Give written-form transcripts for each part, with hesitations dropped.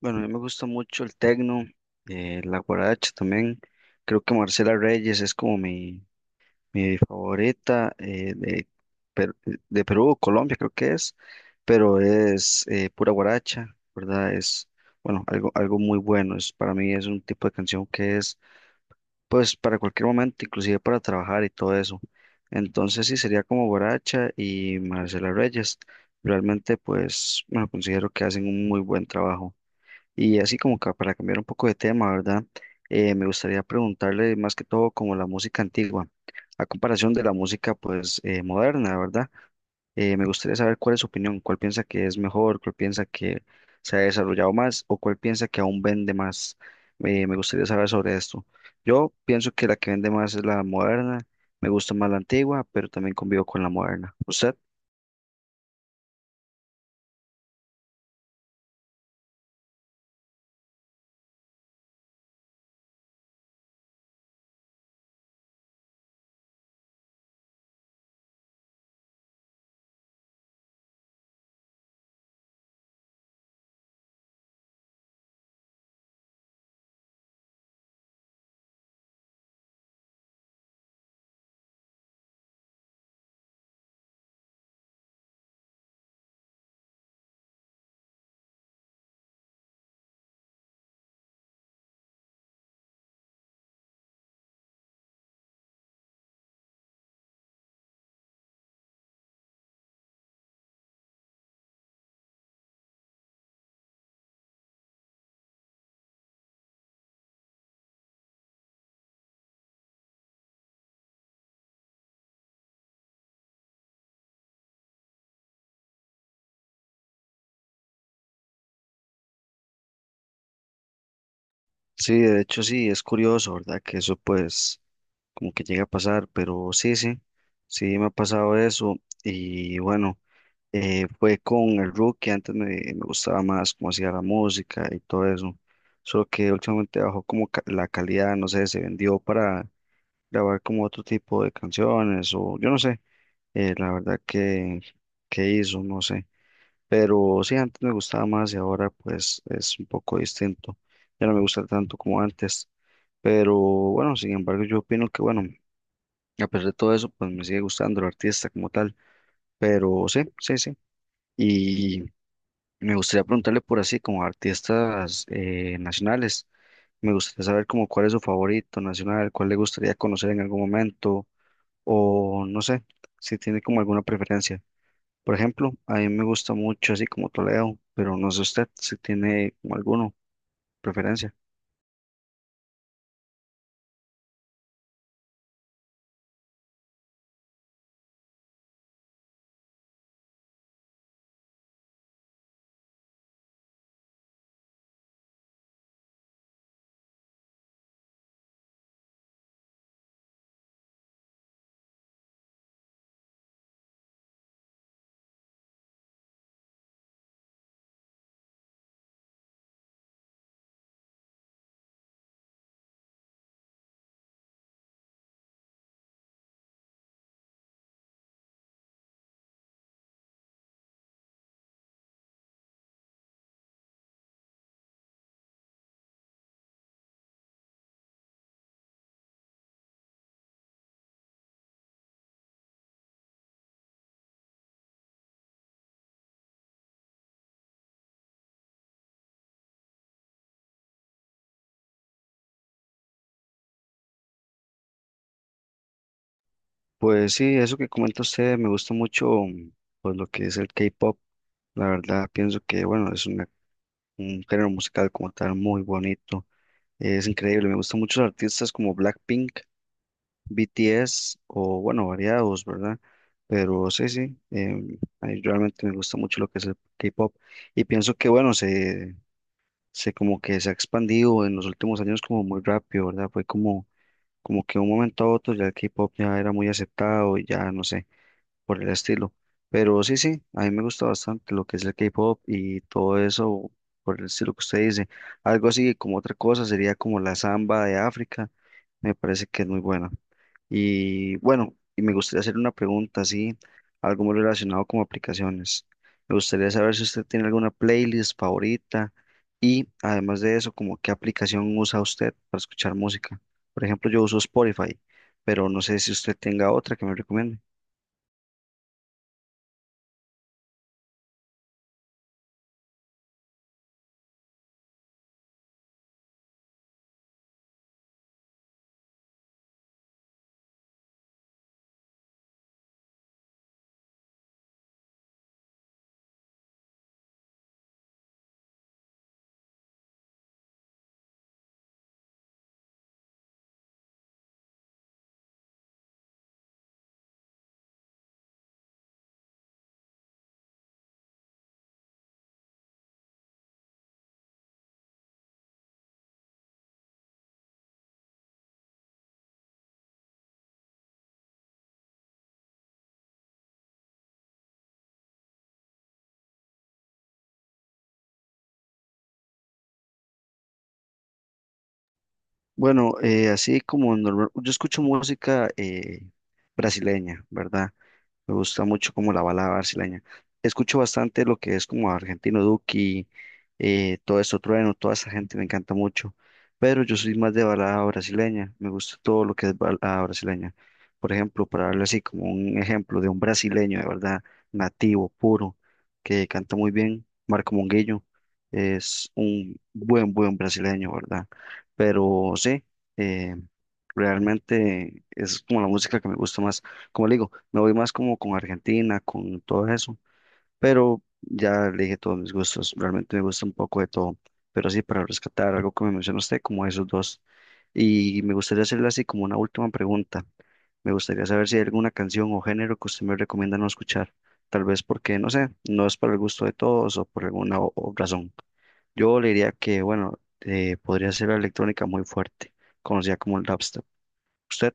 Bueno, a mí me gusta mucho el tecno, la guaracha también. Creo que Marcela Reyes es como mi favorita de, Per- de Perú, Colombia creo que es, pero es pura guaracha, ¿verdad? Es, bueno, algo muy bueno. Es, para mí es un tipo de canción que es, pues, para cualquier momento, inclusive para trabajar y todo eso. Entonces sí, sería como guaracha y Marcela Reyes. Realmente, pues, bueno, considero que hacen un muy buen trabajo. Y así como para cambiar un poco de tema, ¿verdad? Me gustaría preguntarle más que todo como la música antigua, a comparación de la música pues moderna, ¿verdad? Me gustaría saber cuál es su opinión, cuál piensa que es mejor, cuál piensa que se ha desarrollado más o cuál piensa que aún vende más. Me gustaría saber sobre esto. Yo pienso que la que vende más es la moderna, me gusta más la antigua, pero también convivo con la moderna. ¿Usted? Sí, de hecho sí, es curioso, ¿verdad? Que eso pues como que llega a pasar, pero sí, sí, sí me ha pasado eso y bueno, fue con el Rookie, antes me gustaba más cómo hacía la música y todo eso, solo que últimamente bajó como la calidad, no sé, se vendió para grabar como otro tipo de canciones o yo no sé, la verdad que hizo, no sé, pero sí, antes me gustaba más y ahora pues es un poco distinto, ya no me gusta tanto como antes. Pero bueno, sin embargo, yo opino que bueno, a pesar de todo eso, pues me sigue gustando el artista como tal, pero sí, sí, sí. Y me gustaría preguntarle por así, como artistas nacionales, me gustaría saber como cuál es su favorito nacional, cuál le gustaría conocer en algún momento, o no sé, si tiene como alguna preferencia. Por ejemplo, a mí me gusta mucho así como Toledo, pero no sé usted si tiene como alguno preferencia. Pues sí, eso que comenta usted, me gusta mucho pues lo que es el K-pop. La verdad, pienso que, bueno, es un género musical como tal muy bonito. Es increíble, me gustan muchos artistas como Blackpink, BTS o bueno, variados, ¿verdad? Pero sí, sí, a mí realmente me gusta mucho lo que es el K-pop y pienso que bueno, se como que se ha expandido en los últimos años como muy rápido, ¿verdad? Fue como, como que de un momento a otro ya el K-pop ya era muy aceptado y ya no sé por el estilo. Pero sí, sí, a mí me gusta bastante lo que es el K-pop y todo eso por el estilo que usted dice. Algo así como otra cosa sería como la samba de África, me parece que es muy buena. Y bueno, y me gustaría hacer una pregunta así, algo muy relacionado con aplicaciones. Me gustaría saber si usted tiene alguna playlist favorita y además de eso, como qué aplicación usa usted para escuchar música. Por ejemplo, yo uso Spotify, pero no sé si usted tenga otra que me recomiende. Bueno, así como normal, yo escucho música brasileña, ¿verdad? Me gusta mucho como la balada brasileña. Escucho bastante lo que es como Argentino Duki, todo esto Trueno, toda esa gente me encanta mucho. Pero yo soy más de balada brasileña. Me gusta todo lo que es balada brasileña. Por ejemplo, para darle así como un ejemplo de un brasileño de verdad nativo, puro, que canta muy bien, Marco Monguillo. Es un buen brasileño, ¿verdad? Pero sí, eh, realmente es como la música que me gusta más. Como le digo, me voy más como con Argentina, con todo eso, pero ya le dije todos mis gustos, realmente me gusta un poco de todo, pero sí, para rescatar algo que me mencionó usted, como esos dos, y me gustaría hacerle así como una última pregunta, me gustaría saber si hay alguna canción o género que usted me recomienda no escuchar, tal vez porque, no sé, no es para el gusto de todos o por alguna o razón. Yo le diría que, bueno, podría ser la electrónica muy fuerte, conocida como el dubstep. ¿Usted?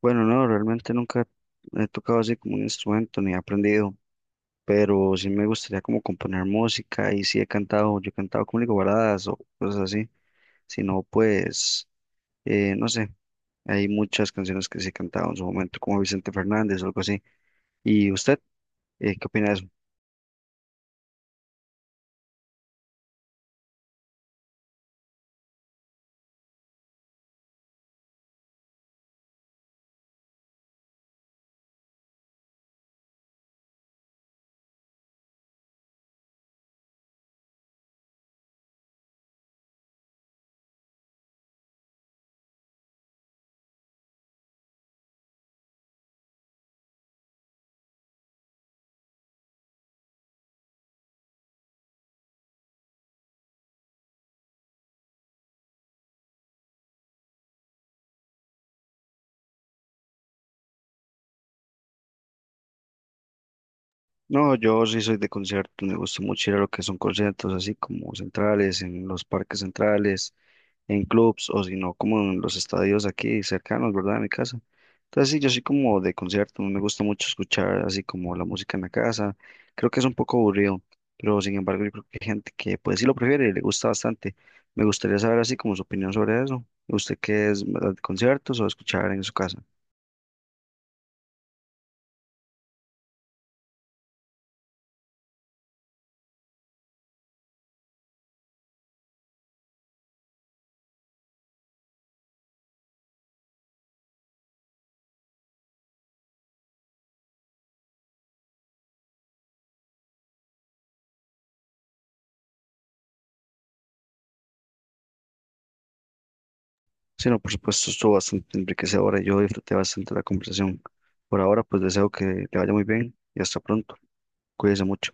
Bueno, no, realmente nunca he tocado así como un instrumento ni he aprendido, pero sí me gustaría como componer música y sí he cantado, yo he cantado como le digo, baladas o cosas así, si no, pues, no sé, hay muchas canciones que sí he cantado en su momento, como Vicente Fernández o algo así. ¿Y usted, qué opina de eso? No, yo sí soy de conciertos, me gusta mucho ir a lo que son conciertos así como centrales, en los parques centrales en clubs o si no como en los estadios aquí cercanos, ¿verdad? A mi casa. Entonces sí, yo soy como de concierto, no me gusta mucho escuchar así como la música en la casa. Creo que es un poco aburrido, pero sin embargo yo creo que hay gente que pues sí lo prefiere y le gusta bastante. Me gustaría saber así como su opinión sobre eso. ¿Usted qué es, verdad, de conciertos o escuchar en su casa? Sí, no, por supuesto, estuvo bastante enriquecedora y yo disfruté bastante la conversación. Por ahora, pues deseo que le vaya muy bien y hasta pronto. Cuídese mucho.